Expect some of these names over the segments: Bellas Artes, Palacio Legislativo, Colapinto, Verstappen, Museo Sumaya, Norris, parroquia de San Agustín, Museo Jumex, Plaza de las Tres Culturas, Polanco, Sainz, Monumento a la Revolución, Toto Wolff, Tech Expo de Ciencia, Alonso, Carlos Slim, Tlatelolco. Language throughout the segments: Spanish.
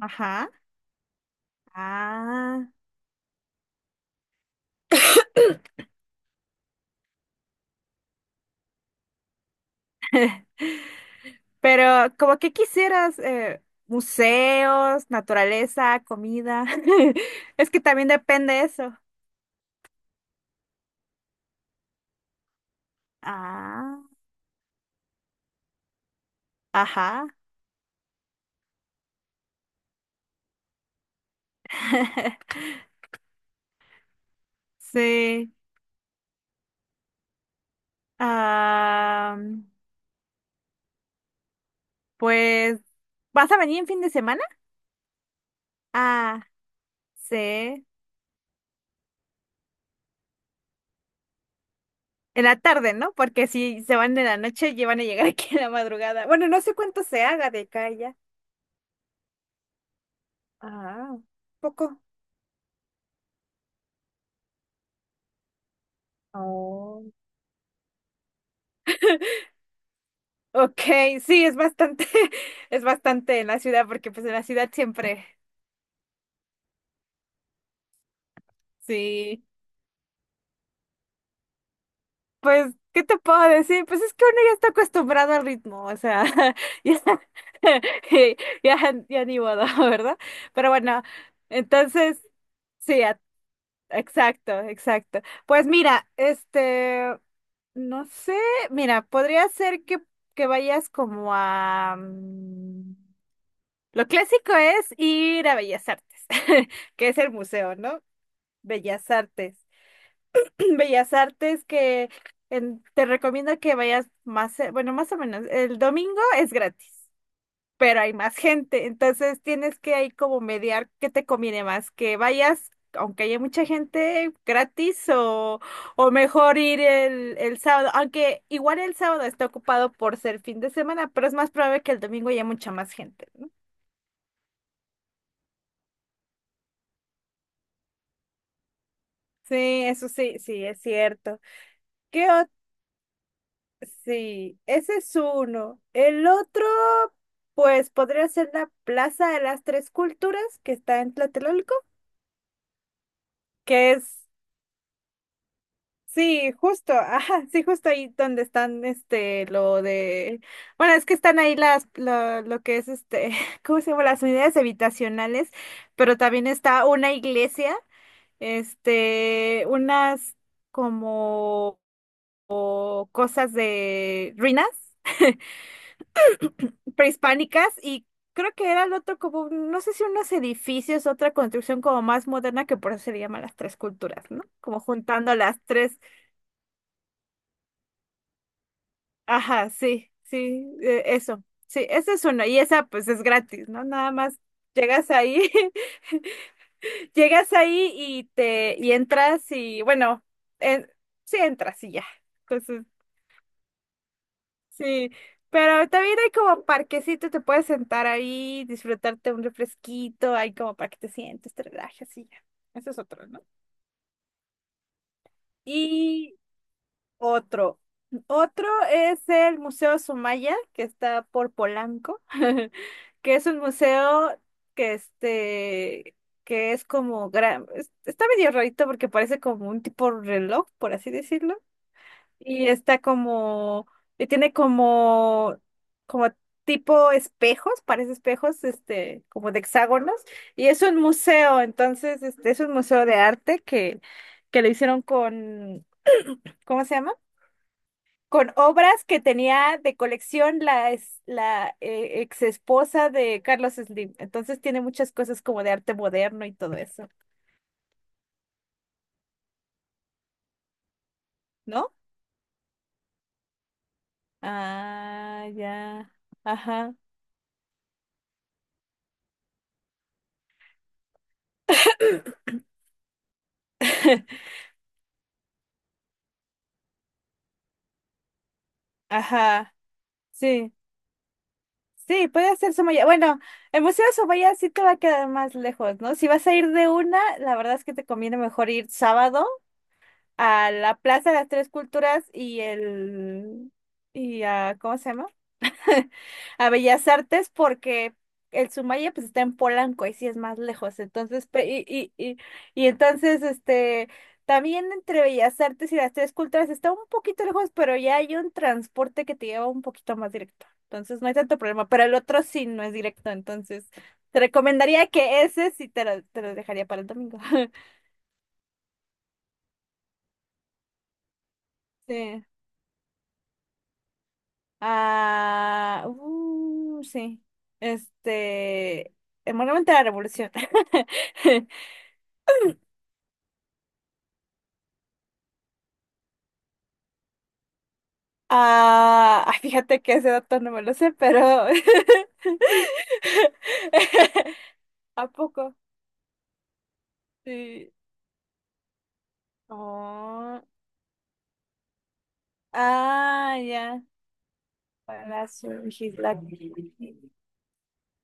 Ajá. Ah, pero como que quisieras museos, naturaleza, comida. Es que también depende eso. Ah, ajá. Sí. Ah, pues, ¿vas a venir en fin de semana? Ah, sí. En la tarde, ¿no? Porque si se van en la noche, ya van a llegar aquí en la madrugada. Bueno, no sé cuánto se haga de acá ya. Ah, poco. Oh, ok, sí, es bastante, es bastante en la ciudad, porque pues en la ciudad siempre, sí. Pues, ¿qué te puedo decir? Pues es que uno ya está acostumbrado al ritmo, o sea, ya, ya, ya ni modo, ¿verdad? Pero bueno, entonces, sí, exacto, exacto. Pues mira, este, no sé, mira, podría ser que vayas como Lo clásico es ir a Bellas Artes, que es el museo, ¿no? Bellas Artes. Bellas Artes que te recomiendo que vayas más, bueno, más o menos. El domingo es gratis, pero hay más gente, entonces tienes que ahí como mediar qué te conviene más, que vayas, aunque haya mucha gente, gratis o, mejor ir el sábado, aunque igual el sábado está ocupado por ser fin de semana, pero es más probable que el domingo haya mucha más gente, ¿no? Sí, eso sí, sí, es cierto. ¿Qué ot- Sí, ese es uno. El otro, pues podría ser la Plaza de las Tres Culturas, que está en Tlatelolco, que es, sí, justo, ajá, sí, justo ahí donde están, lo de, bueno, es que están ahí lo que es, ¿cómo se llama? Las unidades habitacionales, pero también está una iglesia, unas como cosas de ruinas prehispánicas y creo que era el otro como, no sé si unos edificios, otra construcción como más moderna, que por eso se le llama las tres culturas, ¿no? Como juntando las tres. Ajá, sí, sí, eso. Sí, esa es una y esa pues es gratis, ¿no? Nada más llegas ahí, llegas ahí y y entras y bueno, en- sí entras y ya. Entonces, sí, pero también hay como parquecito, te puedes sentar ahí, disfrutarte un refresquito, hay como para que te sientes, te relajes y ya. Eso es otro, ¿no? Y otro. Otro es el Museo Sumaya, que está por Polanco, que es un museo que que es como gran, es- está medio rarito porque parece como un tipo reloj, por así decirlo. Y está como, y tiene como tipo espejos, parece espejos, como de hexágonos, y es un museo, entonces, es un museo de arte que lo hicieron con, ¿cómo se llama? Con obras que tenía de colección la ex esposa de Carlos Slim. Entonces tiene muchas cosas como de arte moderno y todo eso, ¿no? Ah, ya. Ajá. Ajá. Sí. Sí, puede ser Somaya. Bueno, el Museo de Somaya sí te va a quedar más lejos, ¿no? Si vas a ir de una, la verdad es que te conviene mejor ir sábado a la Plaza de las Tres Culturas y y a, ¿cómo se llama? a Bellas Artes porque el Sumaya pues está en Polanco y sí es más lejos. Entonces, y entonces, también entre Bellas Artes y las tres culturas está un poquito lejos, pero ya hay un transporte que te lleva un poquito más directo. Entonces, no hay tanto problema, pero el otro sí no es directo. Entonces, te recomendaría que ese sí te lo dejaría para el domingo. Sí. Ah, sí. Este, el Monumento a la Revolución. Ah, ay, fíjate que ese dato no me lo sé, pero. ¿A poco? Sí. Oh, ah, ya. Palacio Legislativo.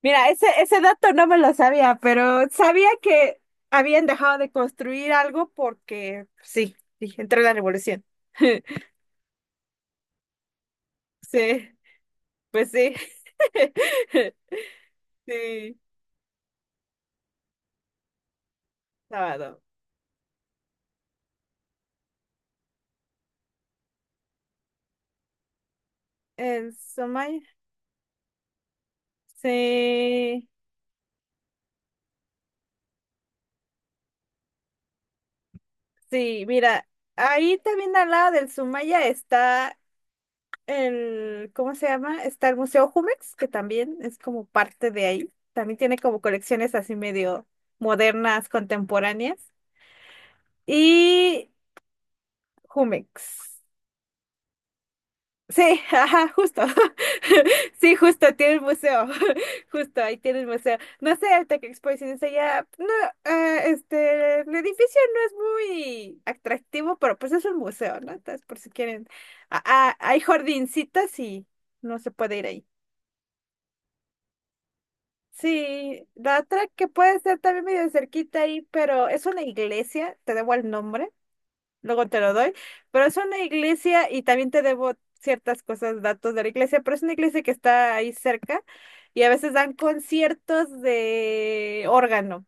Mira, ese dato no me lo sabía, pero sabía que habían dejado de construir algo porque, pues, sí, sí, entró la revolución. Sí, pues sí. Sí, sábado. En Somaya. Sí. Sí, mira, ahí también al lado del Sumaya está el, ¿cómo se llama? Está el Museo Jumex, que también es como parte de ahí. También tiene como colecciones así medio modernas, contemporáneas. Y Jumex. Sí, ajá, justo. Sí, justo, tiene el museo. Justo, ahí tiene el museo. No sé, el Tech Expo de Ciencia ya. No, ah, el edificio no es muy atractivo, pero pues es un museo, ¿no? Entonces, por si quieren. Ah, ah, hay jardincitas y no se puede ir ahí. Sí, la otra que puede ser también medio cerquita ahí, pero es una iglesia, te debo el nombre. Luego te lo doy, pero es una iglesia y también te debo ciertas cosas, datos de la iglesia, pero es una iglesia que está ahí cerca y a veces dan conciertos de órgano,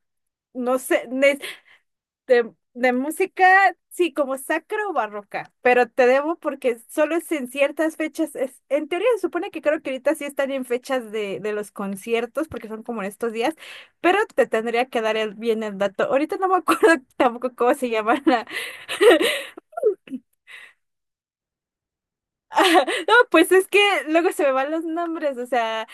no sé, de música, sí, como sacra o barroca, pero te debo porque solo es en ciertas fechas, en teoría se supone que creo que ahorita sí están en fechas de los conciertos porque son como en estos días, pero te tendría que dar bien el dato. Ahorita no me acuerdo tampoco cómo se llama. No, pues es que luego se me van los nombres, o sea,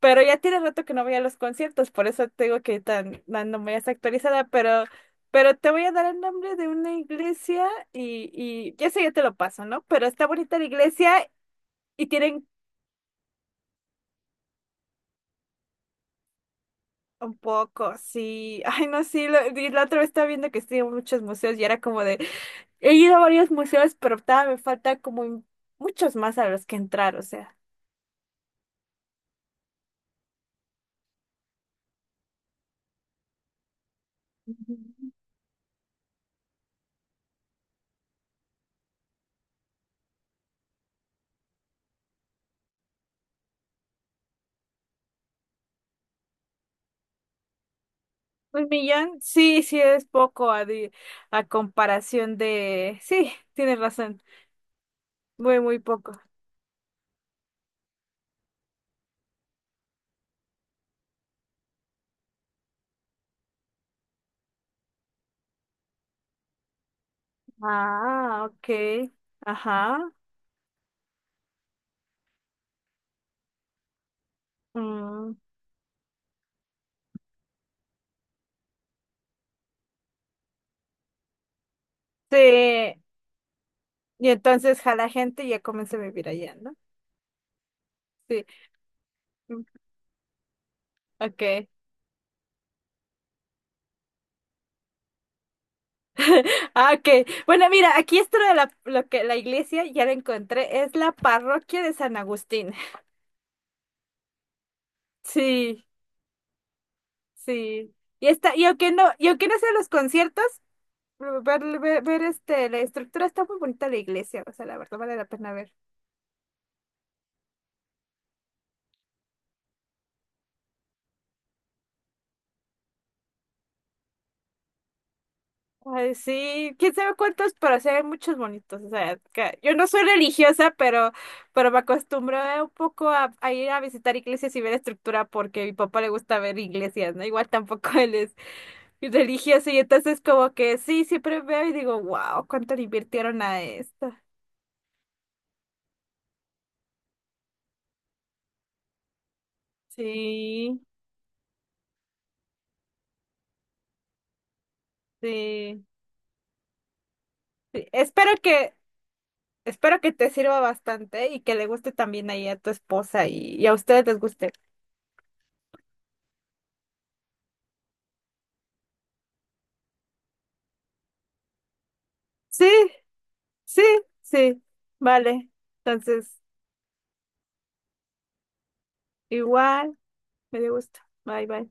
pero ya tiene rato que no voy a los conciertos, por eso te digo que tan, tan no me es actualizada, pero te voy a dar el nombre de una iglesia y ya sé, ya te lo paso, ¿no? Pero está bonita la iglesia y tienen un poco, sí, ay, no, sí, y la otra vez estaba viendo que sí, muchos museos y era como de, he ido a varios museos, pero todavía me falta como muchos más a los que entrar, o sea. Un millón, sí, sí es poco a comparación de. Sí, tienes razón, muy, muy poco. Ah, ok, ajá. Mm, sí, y entonces jala gente y ya comencé a vivir allá, ¿no? Sí, mm, ok. Ah, ok. Bueno, mira, aquí esto lo que la iglesia, ya la encontré, es la parroquia de San Agustín. Sí, sí. Y aunque no sean los conciertos, pero ver, la estructura está muy bonita la iglesia, o sea, la verdad vale la pena ver. Ay, sí, quién sabe cuántos, pero sí hay muchos bonitos, o sea, yo no soy religiosa, pero me acostumbro un poco a ir a visitar iglesias y ver estructura porque a mi papá le gusta ver iglesias, ¿no? Igual tampoco él es religioso y entonces como que sí, siempre veo y digo, wow, cuánto le invirtieron a esto. Sí, sí. Sí, espero que te sirva bastante y que le guste también ahí a tu esposa y a ustedes les guste. Sí, sí, sí. Vale. Entonces, igual, me dio gusto. Bye, bye.